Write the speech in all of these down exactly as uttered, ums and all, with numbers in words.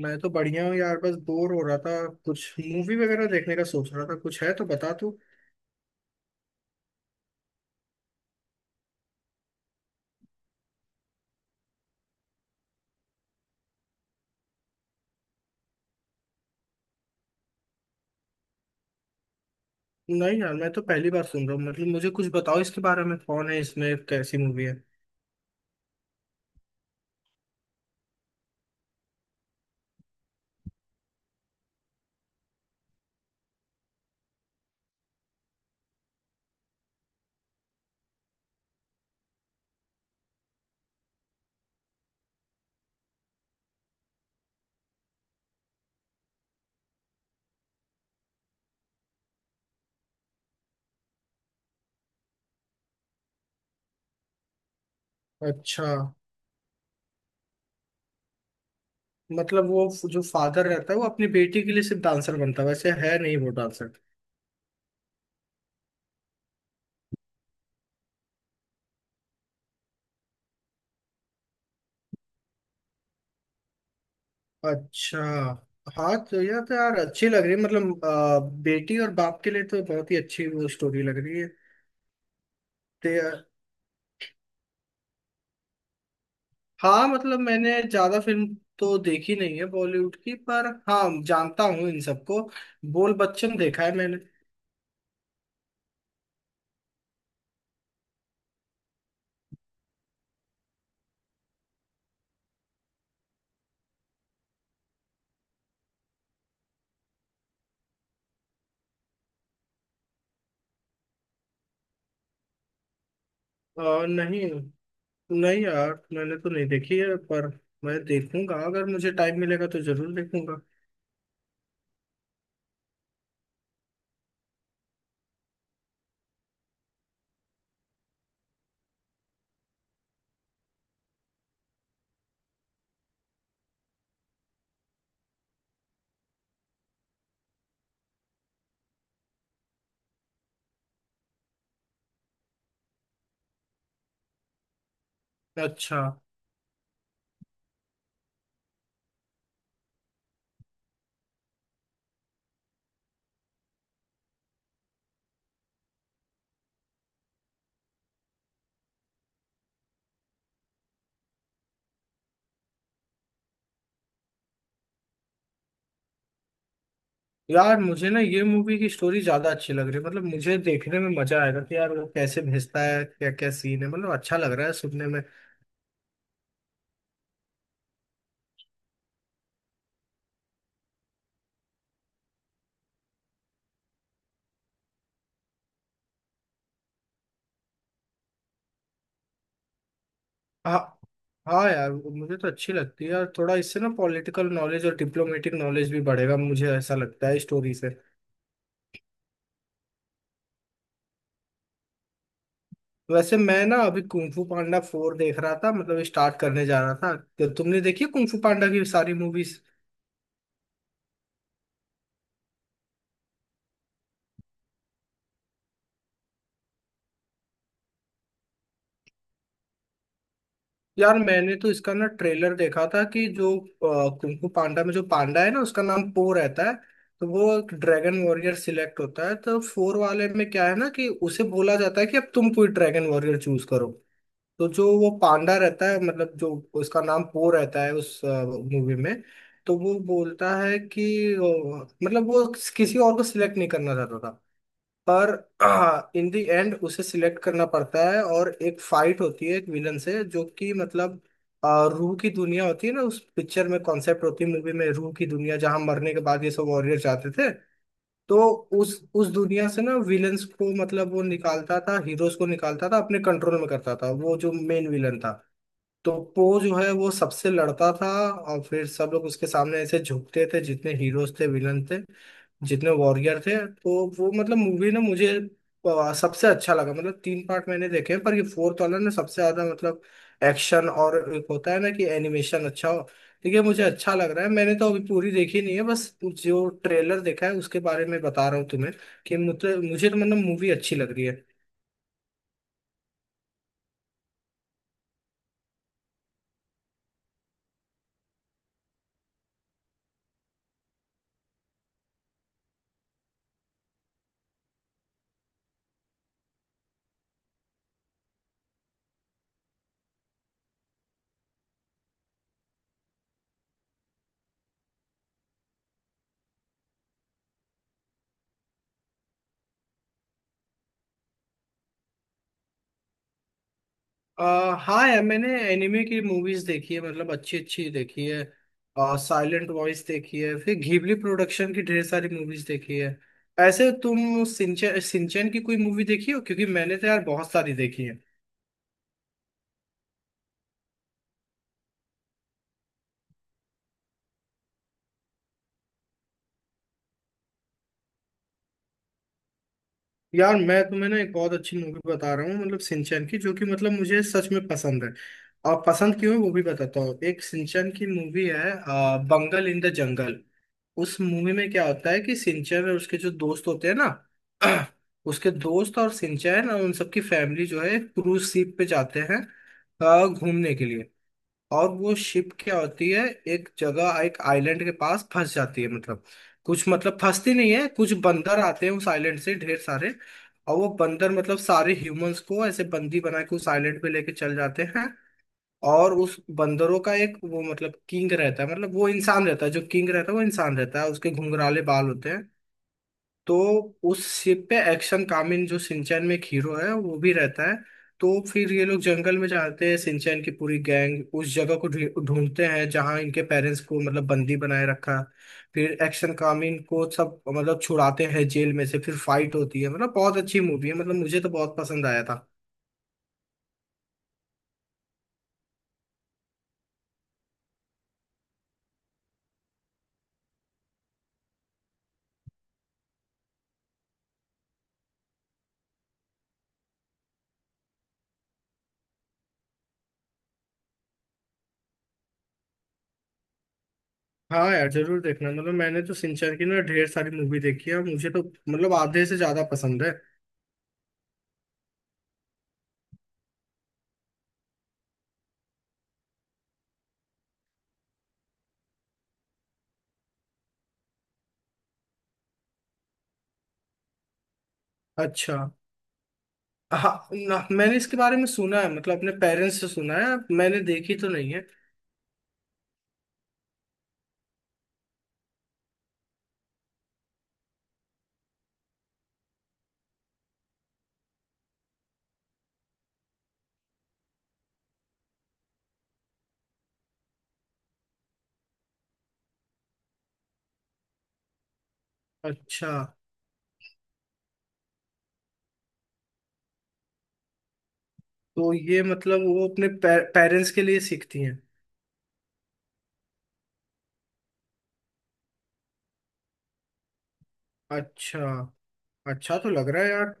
मैं तो बढ़िया हूँ यार बस बोर हो रहा था। कुछ मूवी वगैरह देखने का सोच रहा था कुछ है तो बता तू। नहीं यार मैं तो पहली बार सुन रहा हूँ मतलब मुझे कुछ बताओ इसके बारे में कौन है इसमें कैसी मूवी है। अच्छा। मतलब वो फ- जो फादर रहता है वो अपनी बेटी के लिए सिर्फ डांसर बनता है वैसे है नहीं वो डांसर। अच्छा। हाँ तो यह तो यार अच्छी लग रही है मतलब अ, बेटी और बाप के लिए तो बहुत ही अच्छी वो स्टोरी लग रही है। हाँ मतलब मैंने ज्यादा फिल्म तो देखी नहीं है बॉलीवुड की पर हाँ जानता हूँ इन सबको। बोल बच्चन देखा है मैंने। आ, नहीं। नहीं यार मैंने तो नहीं देखी है पर मैं देखूंगा अगर मुझे टाइम मिलेगा तो जरूर देखूंगा। अच्छा। यार मुझे ना ये मूवी की स्टोरी ज्यादा अच्छी लग रही है मतलब मुझे देखने में मजा आएगा कि यार वो कैसे भेजता है क्या क्या सीन है मतलब अच्छा लग रहा है सुनने में। हाँ। हाँ यार मुझे तो अच्छी लगती है और थोड़ा इससे ना पॉलिटिकल नॉलेज और डिप्लोमेटिक नॉलेज भी बढ़ेगा मुझे ऐसा लगता है स्टोरी से। वैसे मैं ना अभी कुंफू पांडा फोर देख रहा था मतलब स्टार्ट करने जा रहा था तो तुमने देखी कुंफू पांडा की सारी मूवीज? यार मैंने तो इसका ना ट्रेलर देखा था कि जो कुंफू पांडा में जो पांडा है ना उसका नाम पो रहता है। तो वो एक ड्रैगन वॉरियर सिलेक्ट होता है तो फोर वाले में क्या है ना कि उसे बोला जाता है कि अब तुम कोई ड्रैगन वॉरियर चूज करो। तो जो वो पांडा रहता है मतलब जो उसका नाम पो रहता है उस मूवी में। तो वो बोलता है कि अ, मतलब वो किसी और को सिलेक्ट नहीं करना चाहता था। पर इन द एंड उसे सिलेक्ट करना पड़ता है और एक फाइट होती है एक विलन से जो कि मतलब अ, रूह की दुनिया होती है ना उस पिक्चर में कॉन्सेप्ट होती है मूवी में रूह की दुनिया जहां मरने के बाद ये सब वॉरियर जाते थे। तो उस उस दुनिया से ना विलन्स को मतलब वो निकालता था हीरोज को निकालता था अपने कंट्रोल में करता था वो जो मेन विलन था। तो पो जो है वो सबसे लड़ता था और फिर सब लोग उसके सामने ऐसे झुकते थे जितने हीरोज थे विलन थे जितने वॉरियर थे। तो वो मतलब मूवी ना मुझे आ, सबसे अच्छा लगा मतलब तीन पार्ट मैंने देखे हैं पर ये फोर्थ वाला ना सबसे ज्यादा मतलब एक्शन और एक होता है ना कि एनिमेशन अच्छा हो। देखिए मुझे अच्छा लग रहा है मैंने तो अभी पूरी देखी नहीं है बस जो ट्रेलर देखा है उसके बारे में बता रहा हूँ तुम्हें कि मुझे मुझे तो मतलब मूवी अच्छी लग रही है। आ, हाँ यार मैंने एनिमे की मूवीज देखी है मतलब अच्छी अच्छी देखी है। साइलेंट वॉइस देखी है फिर घिबली प्रोडक्शन की ढेर सारी मूवीज देखी है। ऐसे तुम सिंचन सिंचन की कोई मूवी देखी हो क्योंकि मैंने तो यार बहुत सारी देखी है। यार मैं तुम्हें ना एक बहुत अच्छी मूवी बता रहा हूँ मतलब सिंचन की जो कि मतलब मुझे सच में पसंद है। और पसंद क्यों है वो भी बताता हूँ एक सिंचन की मूवी है आ, बंगल इन द जंगल। उस मूवी में क्या होता है कि सिंचन और उसके जो दोस्त होते हैं ना उसके दोस्त और सिंचन और उन सबकी फैमिली जो है क्रूज शिप पे जाते हैं अ, घूमने के लिए। और वो शिप क्या होती है एक जगह एक आइलैंड के पास फंस जाती है मतलब कुछ मतलब फंसती नहीं है कुछ बंदर आते हैं उस आइलैंड से ढेर सारे। और वो बंदर मतलब सारे ह्यूमंस को ऐसे बंदी बना के उस आइलैंड पे लेके चल जाते हैं। और उस बंदरों का एक वो मतलब किंग रहता है मतलब वो इंसान रहता है जो किंग रहता है वो इंसान रहता है उसके घुंघराले बाल होते हैं। तो उस शिप पे एक्शन कामिन जो सिंचैन में एक हीरो है वो भी रहता है। तो फिर ये लोग जंगल में जाते हैं सिंचैन की पूरी गैंग उस जगह को ढी- ढूंढते हैं जहां इनके पेरेंट्स को मतलब बंदी बनाए रखा। फिर एक्शन कामिन को सब मतलब छुड़ाते हैं जेल में से फिर फाइट होती है मतलब बहुत अच्छी मूवी है मतलब मुझे तो बहुत पसंद आया था। हाँ यार जरूर देखना मतलब मैंने तो सिंचर की ना ढेर सारी मूवी देखी है और मुझे तो मतलब आधे से ज्यादा पसंद है। अच्छा। हाँ ना, मैंने इसके बारे में सुना है मतलब अपने पेरेंट्स से सुना है मैंने देखी तो नहीं है। अच्छा तो ये मतलब वो अपने पेरेंट्स के लिए सीखती हैं? अच्छा। अच्छा तो लग रहा है यार।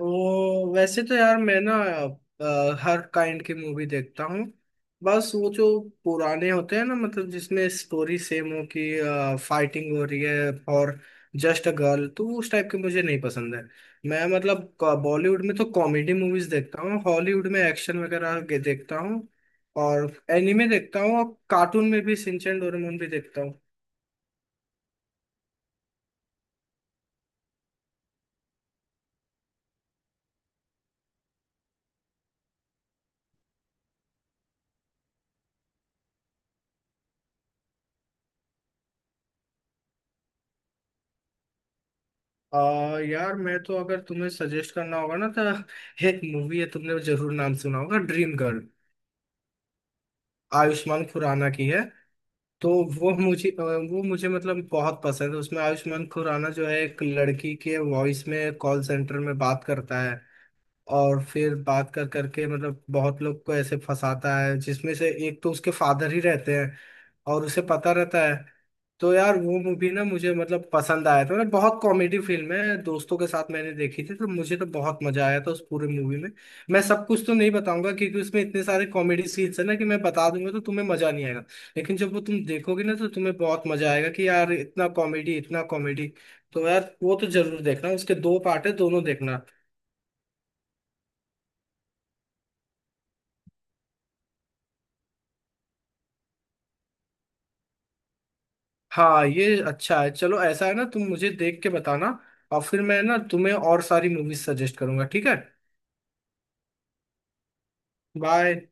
वो वैसे तो यार मैं ना अ, हर काइंड की मूवी देखता हूँ। बस वो जो पुराने होते हैं ना मतलब जिसमें स्टोरी सेम हो कि फाइटिंग हो रही है और जस्ट अ गर्ल तो उस टाइप के मुझे नहीं पसंद है। मैं मतलब बॉलीवुड में तो कॉमेडी मूवीज देखता हूँ हॉलीवुड में एक्शन वगैरह के देखता हूँ और एनिमे देखता हूँ और कार्टून में भी सिंचन डोरेमोन भी देखता हूँ। आ, यार मैं तो अगर तुम्हें सजेस्ट करना होगा ना तो एक मूवी है तुमने जरूर नाम सुना होगा ड्रीम गर्ल। आयुष्मान खुराना की है। तो वो मुझे अ, वो मुझे मतलब बहुत पसंद है उसमें आयुष्मान खुराना जो है एक लड़की के वॉइस में कॉल सेंटर में बात करता है। और फिर बात कर करके मतलब बहुत लोग को ऐसे फंसाता है जिसमें से एक तो उसके फादर ही रहते हैं और उसे पता रहता है। तो यार वो मूवी ना मुझे मतलब पसंद आया था ना बहुत कॉमेडी फिल्म है दोस्तों के साथ मैंने देखी थी तो मुझे तो बहुत मजा आया था उस पूरे मूवी में। मैं सब कुछ तो नहीं बताऊंगा क्योंकि उसमें इतने सारे कॉमेडी सीन्स है ना कि मैं बता दूंगा तो तुम्हें मजा नहीं आएगा। लेकिन जब वो तुम देखोगे ना तो तुम्हें बहुत मजा आएगा कि यार इतना कॉमेडी इतना कॉमेडी। तो यार वो तो जरूर देखना उसके दो पार्ट है दोनों देखना। हाँ ये अच्छा है चलो ऐसा है ना तुम मुझे देख के बताना। और फिर मैं ना तुम्हें और सारी मूवीज सजेस्ट करूंगा ठीक है? बाय।